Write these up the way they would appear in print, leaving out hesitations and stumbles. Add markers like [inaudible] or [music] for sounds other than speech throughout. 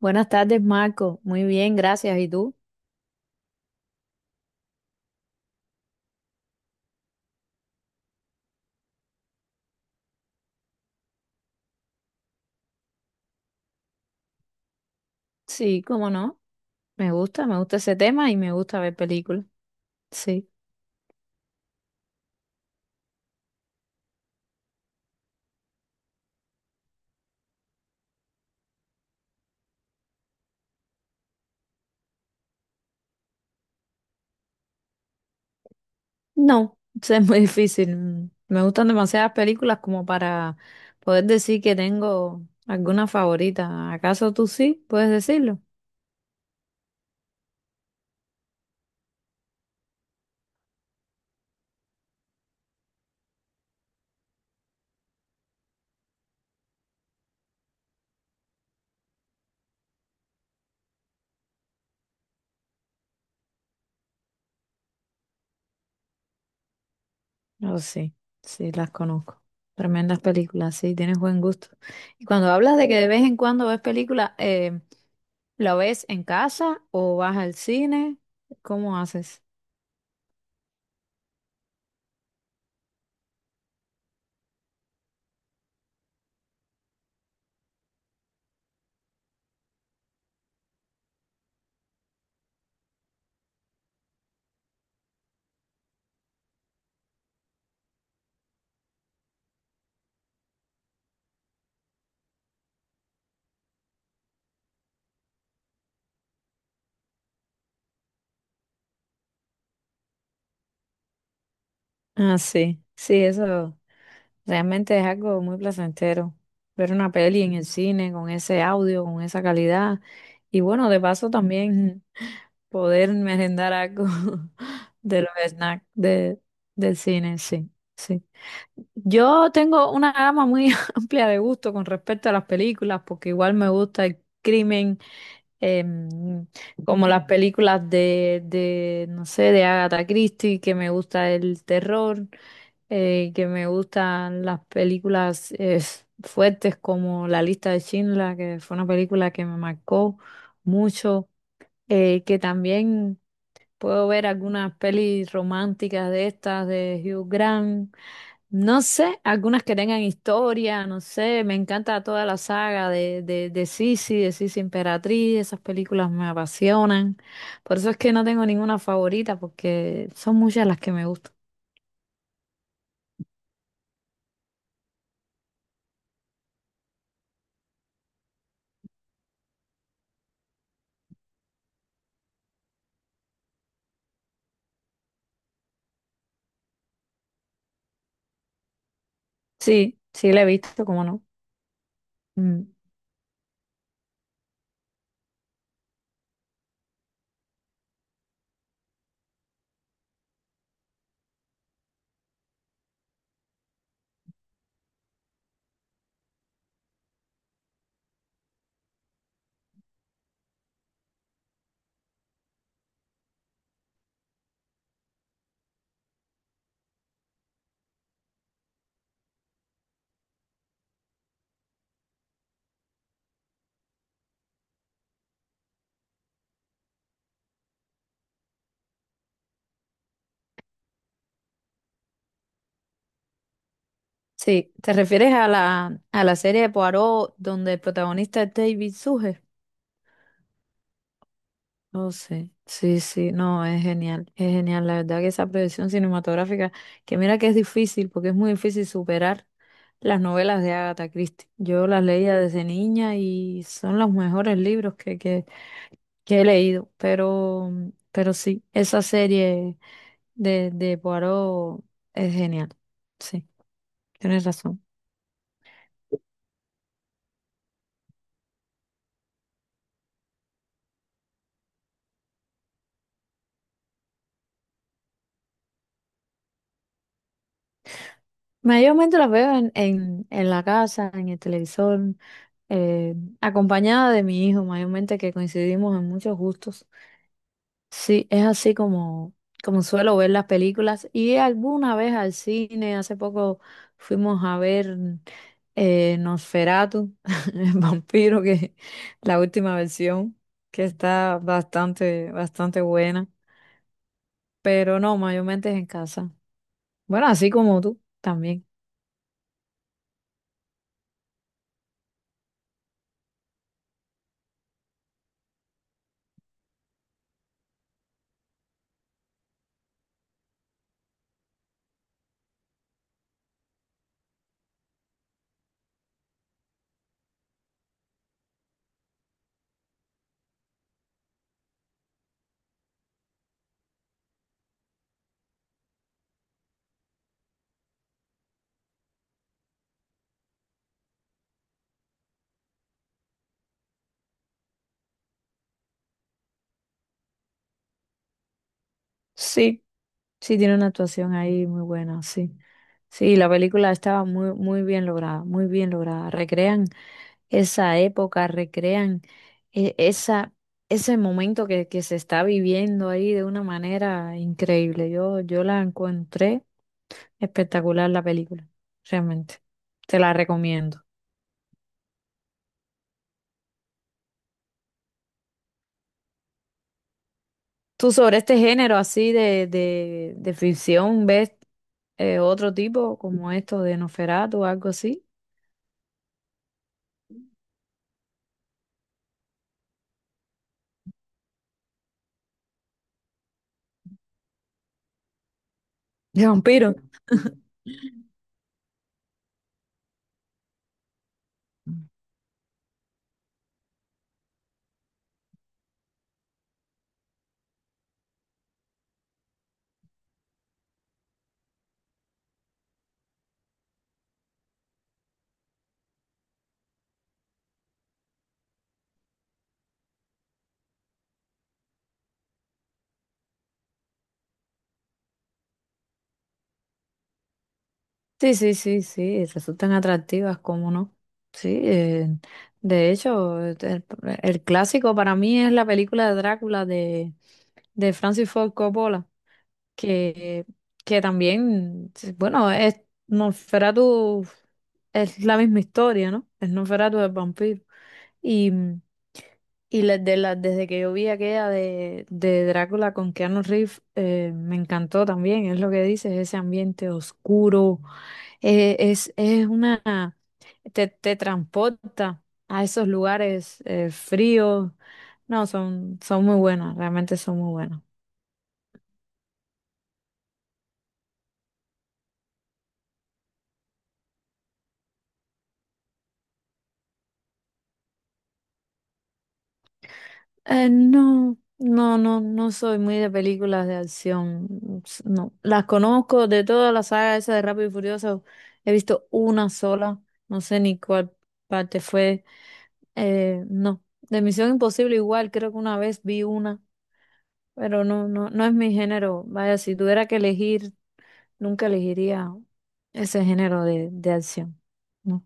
Buenas tardes, Marco. Muy bien, gracias. ¿Y tú? Sí, cómo no. Me gusta ese tema y me gusta ver películas. Sí. No, [laughs] eso es muy difícil. Me gustan demasiadas películas como para poder decir que tengo alguna favorita. ¿Acaso tú sí? ¿Puedes decirlo? Oh, sí, sí, las conozco. Tremendas películas, sí, tienes buen gusto. Y cuando hablas de que de vez en cuando ves películas, ¿la ves en casa o vas al cine? ¿Cómo haces? Ah, sí, sí, eso. Realmente es algo muy placentero ver una peli en el cine con ese audio, con esa calidad. Y bueno, de paso también poder merendar algo [laughs] de los del cine, sí, sí. Yo tengo una gama muy [laughs] amplia de gusto con respecto a las películas, porque igual me gusta el crimen, em, como las películas no sé, de Agatha Christie, que me gusta el terror que me gustan las películas fuertes como La lista de Schindler, que fue una película que me marcó mucho, que también puedo ver algunas pelis románticas de estas de Hugh Grant, no sé, algunas que tengan historia, no sé, me encanta toda la saga de Sisi, de Sisi Emperatriz, esas películas me apasionan, por eso es que no tengo ninguna favorita porque son muchas las que me gustan. Sí, sí la he visto, cómo no. Mm, Sí, ¿te refieres a la serie de Poirot donde el protagonista es David Suge? Oh, sí, sí, sí, no, es genial, es genial. La verdad que esa producción cinematográfica, que mira que es difícil, porque es muy difícil superar las novelas de Agatha Christie. Yo las leía desde niña y son los mejores libros que he leído, pero, pero sí, esa serie de Poirot es genial. Sí, tienes razón. Mayormente las veo en la casa, en el televisor, eh, acompañada de mi hijo, mayormente que coincidimos en muchos gustos. Sí, es así como, como suelo ver las películas y alguna vez al cine, hace poco fuimos a ver Nosferatu, [laughs] el vampiro, que la última versión, que está bastante, bastante buena, pero no, mayormente es en casa. Bueno, así como tú también. Sí, sí, tiene una actuación ahí muy buena, sí. Sí, la película estaba muy, muy bien lograda, muy bien lograda. Recrean esa época, recrean esa, ese momento que se está viviendo ahí de una manera increíble. Yo la encontré espectacular la película, realmente. Te la recomiendo. ¿Tú sobre este género así de ficción ves otro tipo como esto de Nosferatu o algo así? [laughs] De vampiro. Sí, sí, sí, sí, resultan atractivas, cómo no. Sí, de hecho, el clásico para mí es la película de Drácula de Francis Ford Coppola, que, que también, sí, bueno, es Nosferatu, es la misma historia, ¿no? Es Nosferatu del vampiro. Y, y desde que yo vi aquella de Drácula con Keanu Reeves, me encantó también, es lo que dices, ese ambiente oscuro. Es una, te transporta a esos lugares fríos. No, son, son muy buenas, realmente son muy buenas. No, no, no, no soy muy de películas de acción. No, las conozco de toda la saga esa de Rápido y Furioso. He visto una sola, no sé ni cuál parte fue. No, de Misión Imposible igual, creo que una vez vi una, pero no, no, no es mi género. Vaya, si tuviera que elegir nunca elegiría ese género de acción. No.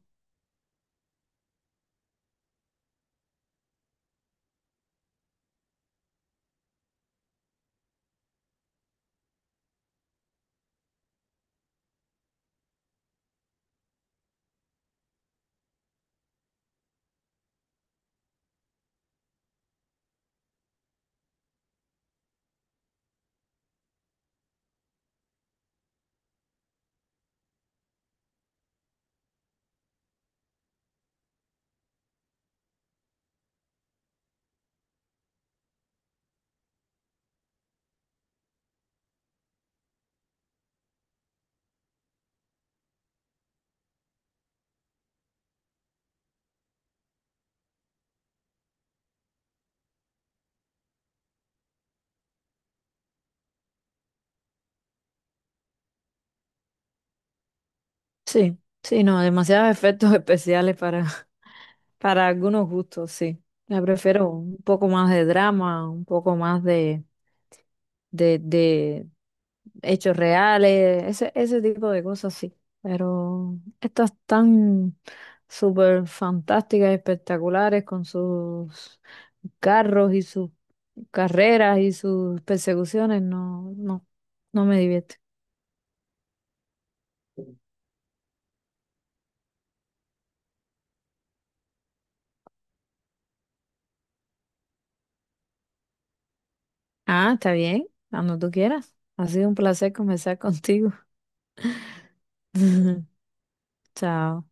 Sí, sí, no, demasiados efectos especiales para, [laughs] para algunos gustos, sí. Me prefiero un poco más de drama, un poco más de hechos reales, ese tipo de cosas, sí. Pero estas tan súper fantásticas, espectaculares, con sus carros y sus carreras y sus persecuciones, no, no, no me divierte. Ah, está bien, cuando tú quieras. Ha sido un placer conversar contigo. [laughs] Chao.